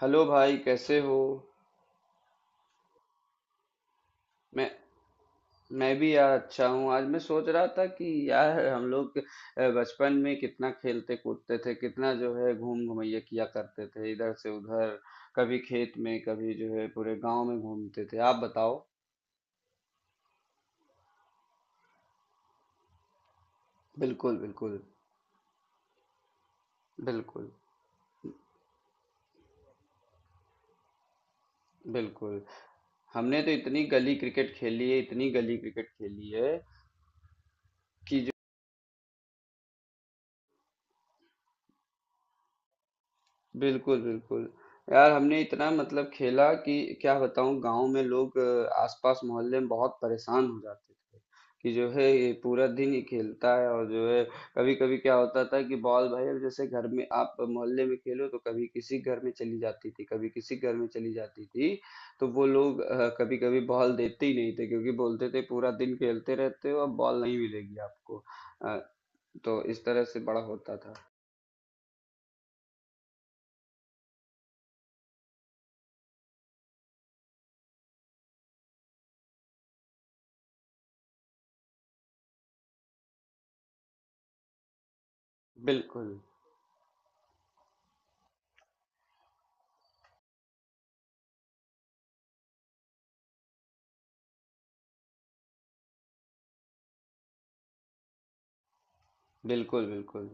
Hello भाई कैसे हो। मैं मैं भी यार अच्छा हूँ। आज मैं सोच रहा था कि यार हम लोग बचपन में कितना खेलते कूदते थे, कितना जो है घूम घुमैया किया करते थे, इधर से उधर, कभी खेत में, कभी जो है पूरे गांव में घूमते थे। आप बताओ। बिल्कुल बिल्कुल बिल्कुल बिल्कुल हमने तो इतनी गली क्रिकेट खेली है, इतनी गली क्रिकेट खेली है कि। बिल्कुल, बिल्कुल। यार हमने इतना मतलब खेला कि क्या बताऊँ। गाँव में लोग आस-पास मोहल्ले में बहुत परेशान हो जाते थे कि जो है ये पूरा दिन ही खेलता है, और जो है कभी-कभी क्या होता था कि बॉल, भाई अब जैसे घर में आप मोहल्ले में खेलो तो कभी किसी घर में चली जाती थी, कभी किसी घर में चली जाती थी, तो वो लोग कभी-कभी बॉल देते ही नहीं थे, क्योंकि बोलते थे पूरा दिन खेलते रहते हो, अब बॉल नहीं मिलेगी आपको। अ, तो इस तरह से बड़ा होता था। बिल्कुल, बिल्कुल।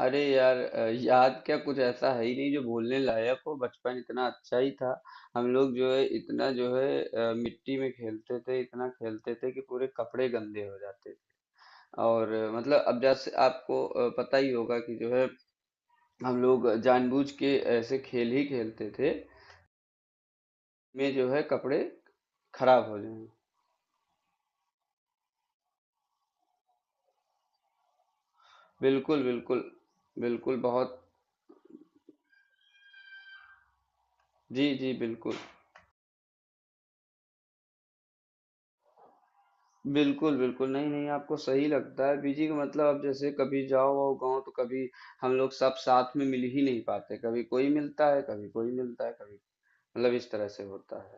अरे यार, याद क्या, कुछ ऐसा है ही नहीं जो भूलने लायक हो। बचपन इतना अच्छा ही था। हम लोग जो है इतना जो है मिट्टी में खेलते थे, इतना खेलते थे कि पूरे कपड़े गंदे हो जाते थे। और मतलब अब जैसे आपको पता ही होगा कि जो है हम लोग जानबूझ के ऐसे खेल ही खेलते थे में जो है कपड़े खराब हो जाए। बिल्कुल बिल्कुल बिल्कुल बहुत। जी जी बिल्कुल। बिल्कुल। नहीं, नहीं, आपको सही लगता है। पीजी का मतलब अब जैसे कभी जाओ आओ गाँव, तो कभी हम लोग सब साथ में मिल ही नहीं पाते। कभी कोई मिलता है, कभी कोई मिलता है, कभी मतलब इस तरह से होता है।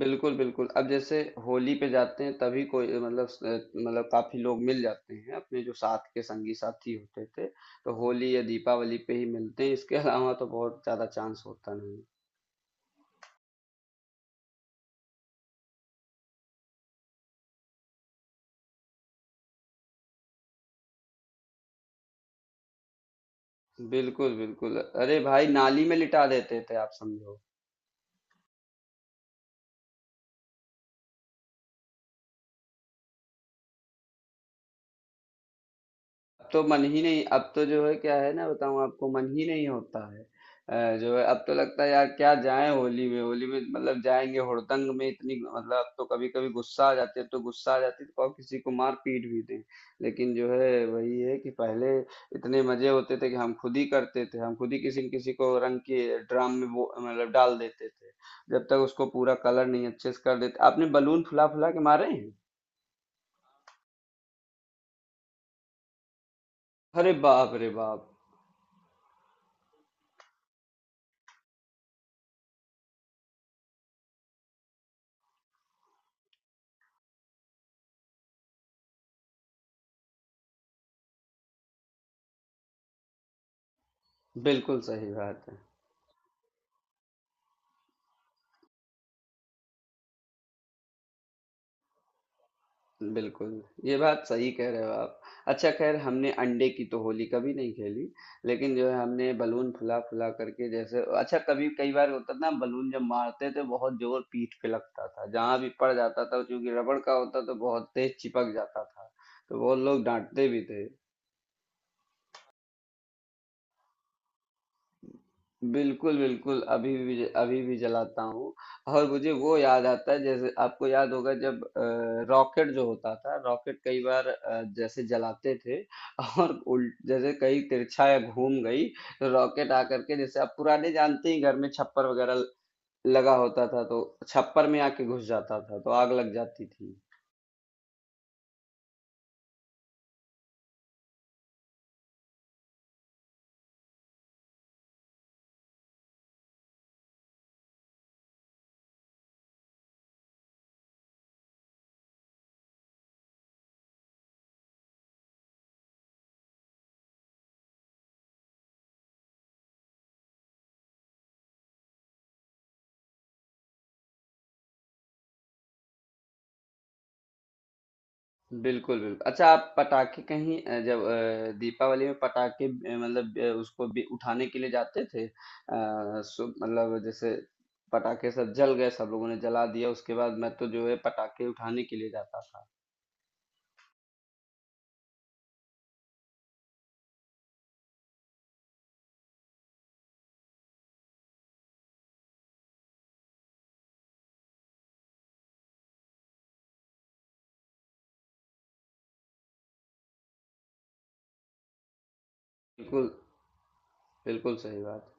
बिल्कुल, बिल्कुल। अब जैसे होली पे जाते हैं तभी कोई मतलब स मतलब काफ़ी लोग मिल जाते हैं, अपने जो साथ के संगी-साथी होते थे, तो होली या दीपावली पे ही मिलते हैं। इसके अलावा तो बहुत ज़्यादा चांस होता नहीं है। बिल्कुल, बिल्कुल। अरे भाई नाली में लिटा देते थे, आप समझो। अब तो मन ही नहीं, अब तो जो है क्या है ना बताऊं आपको, मन ही नहीं होता है। जो है अब तो लगता है यार क्या जाएं होली में। होली में मतलब जाएंगे हुड़दंग में, इतनी मतलब अब तो कभी कभी गुस्सा आ जाती है, अब तो गुस्सा आ जाती है तो कहो किसी को मार पीट भी दें। लेकिन जो है वही है कि पहले इतने मजे होते थे कि हम खुद ही करते थे, हम खुद ही किसी न किसी को रंग के ड्राम में वो मतलब डाल देते थे, जब तक उसको पूरा कलर नहीं अच्छे से कर देते। आपने बलून फुला फुला के मारे हैं। अरे बाप रे बाप। बिल्कुल सही बात है। बिल्कुल, ये बात सही कह रहे हो आप। अच्छा खैर, हमने अंडे की तो होली कभी नहीं खेली, लेकिन जो है हमने बलून फुला फुला करके, जैसे अच्छा कभी कई बार होता था ना, बलून जब मारते थे बहुत जोर पीठ पे लगता था, जहां भी पड़ जाता था, चूंकि रबड़ का होता तो बहुत तेज चिपक जाता था, तो बहुत लोग डांटते भी थे। बिल्कुल, बिल्कुल। अभी भी, अभी भी जलाता हूँ। और मुझे वो याद आता है, जैसे आपको याद होगा जब रॉकेट जो होता था, रॉकेट कई बार जैसे जलाते थे और उल जैसे कहीं तिरछा या घूम गई तो रॉकेट आकर के, जैसे आप पुराने जानते ही, घर में छप्पर वगैरह लगा होता था, तो छप्पर में आके घुस जाता था, तो आग लग जाती थी। बिल्कुल बिल्कुल। अच्छा, आप पटाखे कहीं जब दीपावली में पटाखे मतलब उसको भी उठाने के लिए जाते थे? सो मतलब जैसे पटाखे सब जल गए, सब लोगों ने जला दिया, उसके बाद मैं तो जो है पटाखे उठाने के लिए जाता था। बिल्कुल। बिल्कुल सही बात।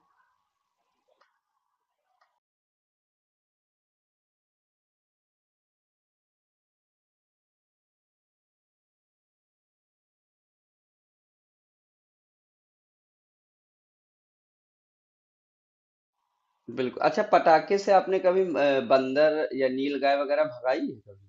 बिल्कुल। अच्छा, पटाखे से आपने कभी बंदर या नील गाय वगैरह भगाई है कभी?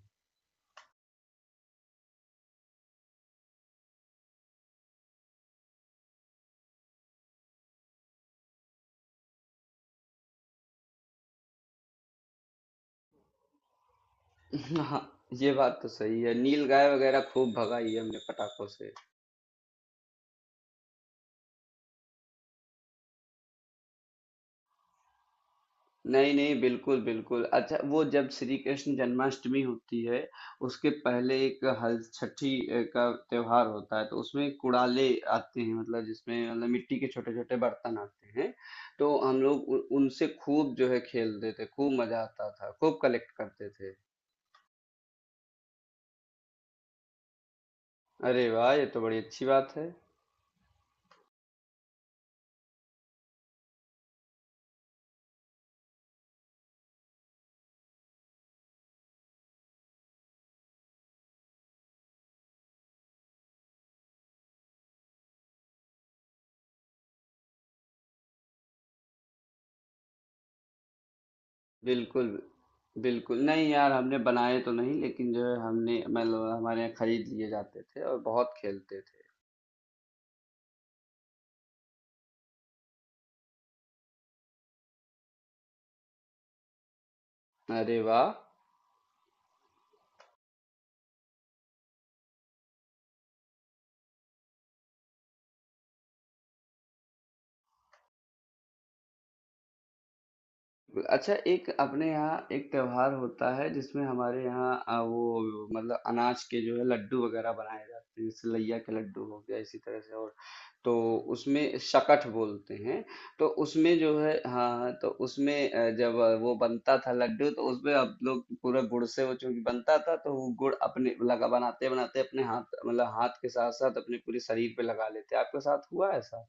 हाँ, ये बात तो सही है, नील गाय वगैरह खूब भगाई है हमने पटाखों से। नहीं नहीं बिल्कुल बिल्कुल। अच्छा, वो जब श्री कृष्ण जन्माष्टमी होती है, उसके पहले एक हल छठी का त्योहार होता है, तो उसमें कुड़ाले आते हैं, मतलब जिसमें मतलब मिट्टी के छोटे छोटे बर्तन आते हैं, तो हम लोग उनसे खूब जो है खेलते थे, खूब मजा आता था, खूब कलेक्ट करते थे। अरे वाह, ये तो बड़ी अच्छी बात है। बिल्कुल बिल्कुल। नहीं यार, हमने बनाए तो नहीं, लेकिन जो है हमने मतलब हमारे यहाँ खरीद लिए जाते थे और बहुत खेलते थे। अरे वाह। अच्छा, एक अपने यहाँ एक त्योहार होता है जिसमें हमारे यहाँ वो मतलब अनाज के जो है लड्डू वगैरह बनाए जाते हैं, जैसे लैया के लड्डू हो गया, इसी तरह से और, तो उसमें शकट बोलते हैं। तो उसमें जो है, हाँ हाँ, तो उसमें जब वो बनता था लड्डू, तो उसमें हम लोग पूरा गुड़ से वो चूंकि बनता था, तो वो गुड़ अपने लगा, बनाते बनाते अपने हाथ मतलब हाथ के साथ साथ अपने पूरे शरीर पे लगा लेते। आपके साथ हुआ ऐसा?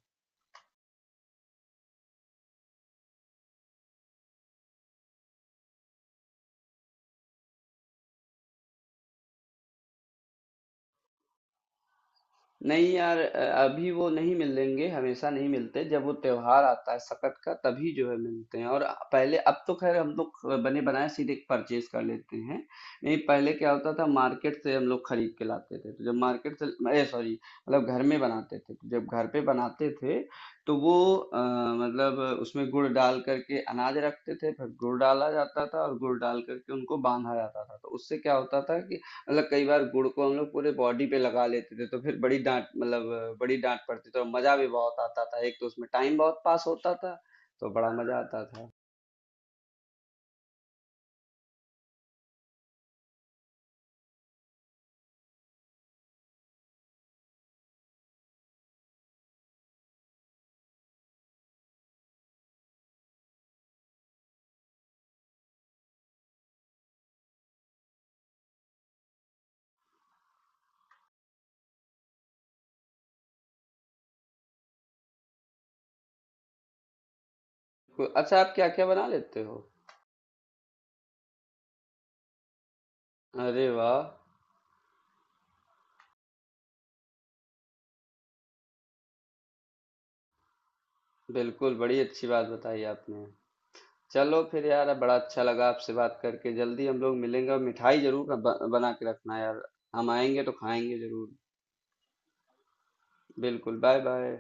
नहीं यार, अभी वो नहीं मिलेंगे, हमेशा नहीं मिलते, जब वो त्योहार आता है सकत का, तभी जो है मिलते हैं। और पहले, अब तो खैर हम लोग बने बनाए सीधे परचेज कर लेते हैं। नहीं पहले क्या होता था, मार्केट से हम लोग खरीद के लाते थे, तो जब मार्केट से, अरे सॉरी, मतलब घर में बनाते थे, तो जब घर पे बनाते थे तो वो मतलब उसमें गुड़ डाल करके अनाज रखते थे, फिर गुड़ डाला जाता था और गुड़ डाल करके उनको बांधा जाता था, तो उससे क्या होता था कि मतलब कई बार गुड़ को हम लोग पूरे बॉडी पे लगा लेते थे, तो फिर बड़ी डांट मतलब बड़ी डांट पड़ती थी और मजा भी बहुत आता था। एक तो उसमें टाइम बहुत पास होता था, तो बड़ा मजा आता था। अच्छा, आप क्या क्या बना लेते हो? अरे वाह। बिल्कुल, बड़ी अच्छी बात बताई आपने। चलो फिर यार, बड़ा अच्छा लगा आपसे बात करके। जल्दी हम लोग मिलेंगे और मिठाई जरूर बना के रखना यार, हम आएंगे तो खाएंगे जरूर। बिल्कुल, बाय बाय।